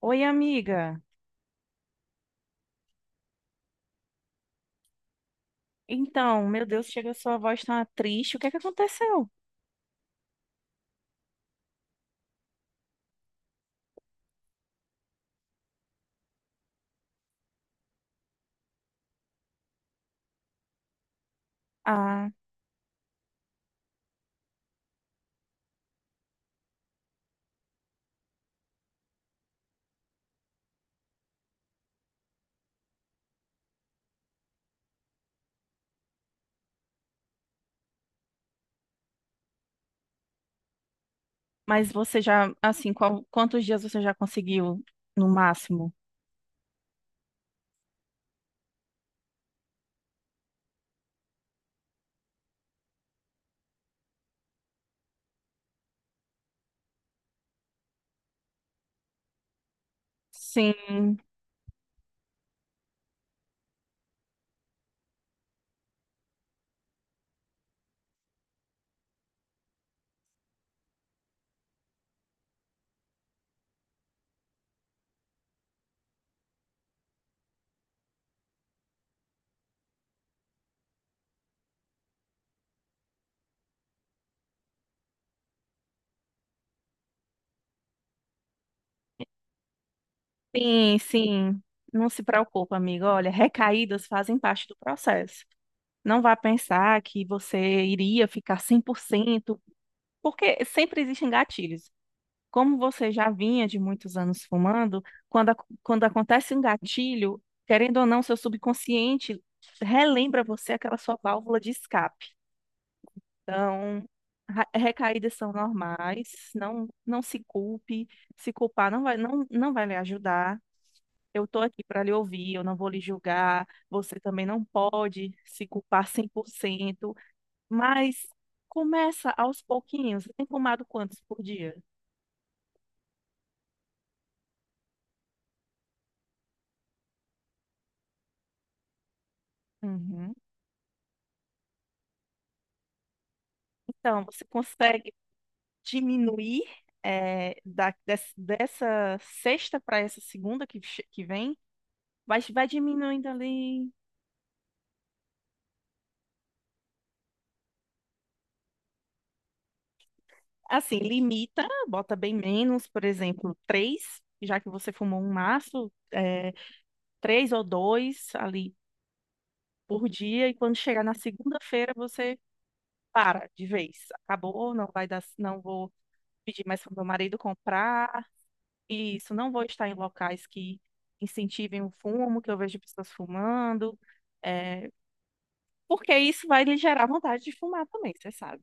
Oi, amiga. Então, meu Deus, chega, sua voz tá triste. O que é que aconteceu? Ah, mas você já, assim, quantos dias você já conseguiu no máximo? Sim, sim, sim. Não se preocupa, amiga. Olha, recaídas fazem parte do processo. Não vá pensar que você iria ficar 100%, porque sempre existem gatilhos. Como você já vinha de muitos anos fumando, quando acontece um gatilho, querendo ou não, seu subconsciente relembra você aquela sua válvula de escape. Então, recaídas são normais, não se culpe, se culpar não vai lhe ajudar. Eu estou aqui para lhe ouvir, eu não vou lhe julgar, você também não pode se culpar 100%, mas começa aos pouquinhos. Você tem fumado quantos por dia? Uhum. Então, você consegue diminuir dessa sexta para essa segunda que vem, vai diminuindo ali. Assim, limita, bota bem menos, por exemplo, três, já que você fumou um maço, é, três ou dois ali por dia, e quando chegar na segunda-feira você para de vez. Acabou, não vai dar, não vou pedir mais para meu marido comprar, e isso, não vou estar em locais que incentivem o fumo, que eu vejo pessoas fumando. eh, Porque isso vai lhe gerar vontade de fumar também, você sabe.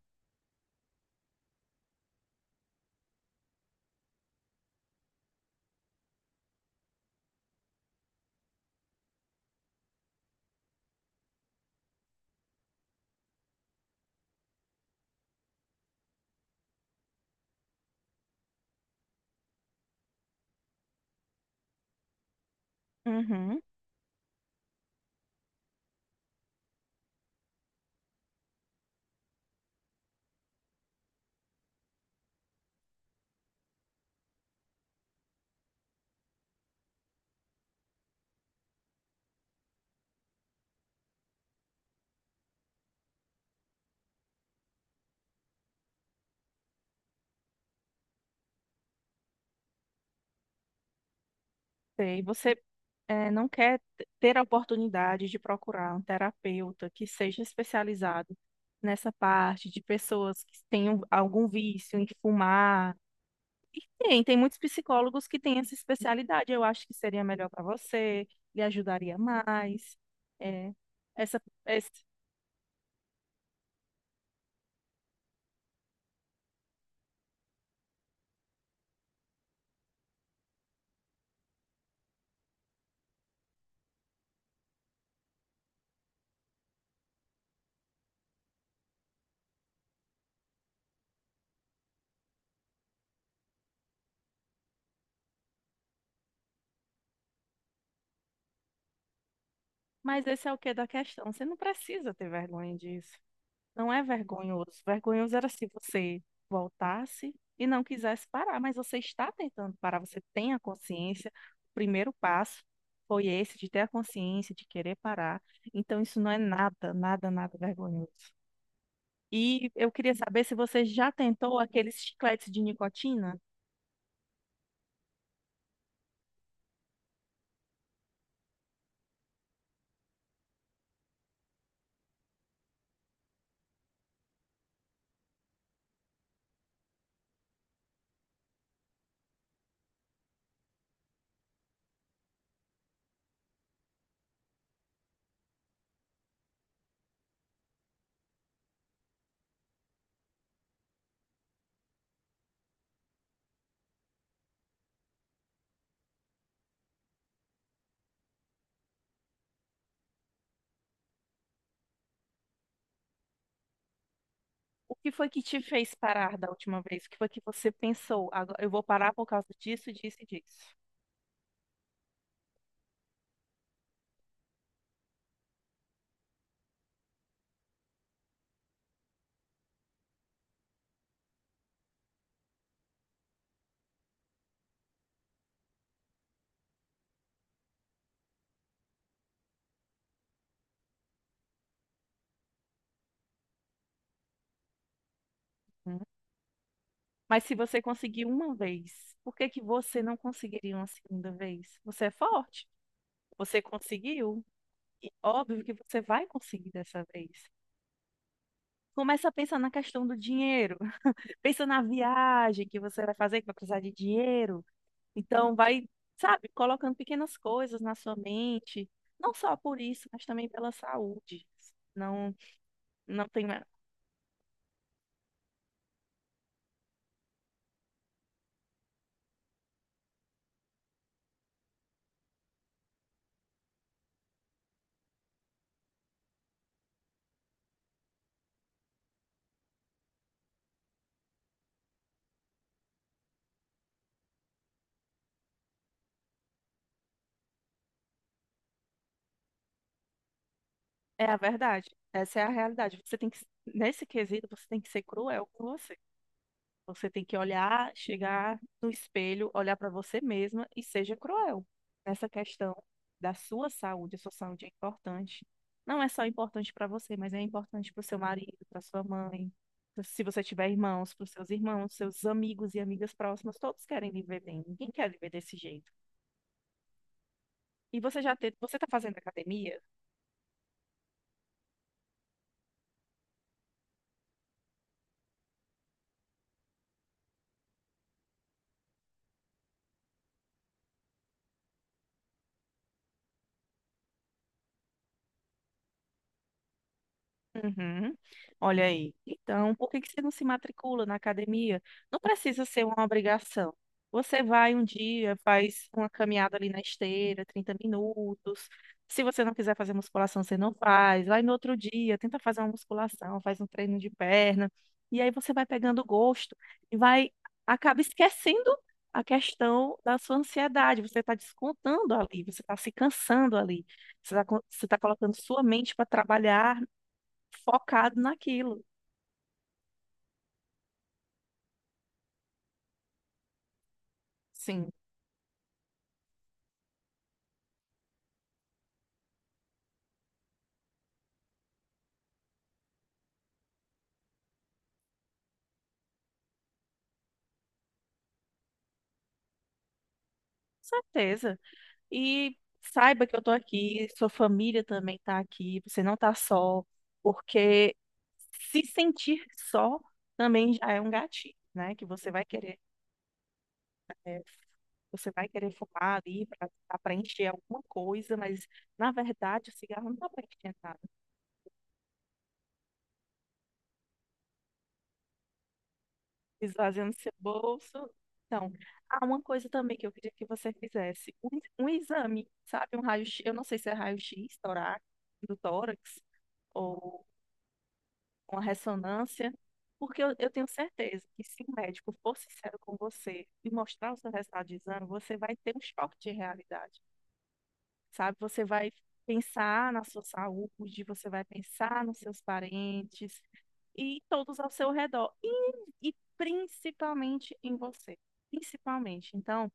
Uhum. E você não quer ter a oportunidade de procurar um terapeuta que seja especializado nessa parte de pessoas que tenham algum vício em fumar. E tem muitos psicólogos que têm essa especialidade. Eu acho que seria melhor para você, lhe ajudaria mais. É, essa, esse- mas esse é o quê da questão. Você não precisa ter vergonha disso. Não é vergonhoso. Vergonhoso era se você voltasse e não quisesse parar, mas você está tentando parar, você tem a consciência. O primeiro passo foi esse, de ter a consciência, de querer parar. Então, isso não é nada, nada, nada vergonhoso. E eu queria saber se você já tentou aqueles chicletes de nicotina. O que foi que te fez parar da última vez? O que foi que você pensou? Agora eu vou parar por causa disso, disso e disso. Mas se você conseguiu uma vez, por que que você não conseguiria uma segunda vez? Você é forte, você conseguiu, e óbvio que você vai conseguir dessa vez. Começa a pensar na questão do dinheiro, pensa na viagem que você vai fazer, que vai precisar de dinheiro. Então, vai, sabe, colocando pequenas coisas na sua mente, não só por isso, mas também pela saúde. Não, não tem. É a verdade, essa é a realidade. Você tem que, nesse quesito, você tem que ser cruel com você. Você tem que olhar, chegar no espelho, olhar para você mesma e seja cruel nessa questão da sua saúde. A sua saúde é importante. Não é só importante para você, mas é importante para o seu marido, para sua mãe, se você tiver irmãos, para os seus irmãos, seus amigos e amigas próximas. Todos querem viver bem. Ninguém quer viver desse jeito. E você já ter, você está fazendo academia? Uhum. Olha aí. Então, por que que você não se matricula na academia? Não precisa ser uma obrigação. Você vai um dia, faz uma caminhada ali na esteira, 30 minutos. Se você não quiser fazer musculação, você não faz. Vai no outro dia, tenta fazer uma musculação, faz um treino de perna. E aí você vai pegando gosto e vai, acaba esquecendo a questão da sua ansiedade. Você está descontando ali, você está se cansando ali. Você está colocando sua mente para trabalhar focado naquilo. Sim. Certeza. E saiba que eu tô aqui, sua família também tá aqui, você não tá só, porque se sentir só também já é um gatilho, né? Que você vai querer, é, você vai querer fumar ali para preencher alguma coisa, mas na verdade o cigarro não tá preenchendo nada. Esvaziando seu bolso. Então, há uma coisa também que eu queria que você fizesse, um exame, sabe? Um raio-x, eu não sei se é raio-x torácico, do tórax, ou uma ressonância, porque eu tenho certeza que se o médico for sincero com você e mostrar o seu resultado de exame, você vai ter um choque de realidade, sabe? Você vai pensar na sua saúde, você vai pensar nos seus parentes e todos ao seu redor, e principalmente em você. Principalmente. Então,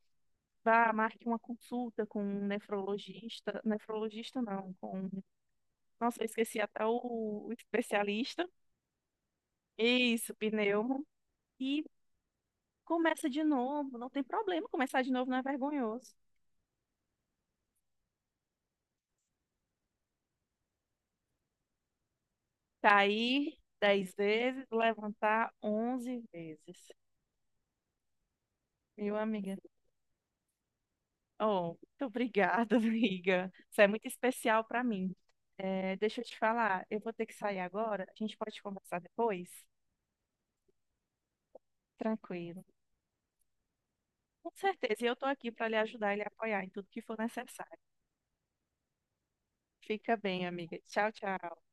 vá, marque uma consulta com um nefrologista. Nefrologista não, com. Nossa, eu esqueci até o especialista. Isso, pneumo. E começa de novo. Não tem problema, começar de novo não é vergonhoso. Cair 10 vezes, levantar 11 vezes. Meu amigo, oh, muito obrigada, amiga. Isso é muito especial para mim. É, deixa eu te falar, eu vou ter que sair agora. A gente pode conversar depois? Tranquilo. Com certeza. E eu estou aqui para lhe ajudar e lhe apoiar em tudo que for necessário. Fica bem, amiga. Tchau, tchau.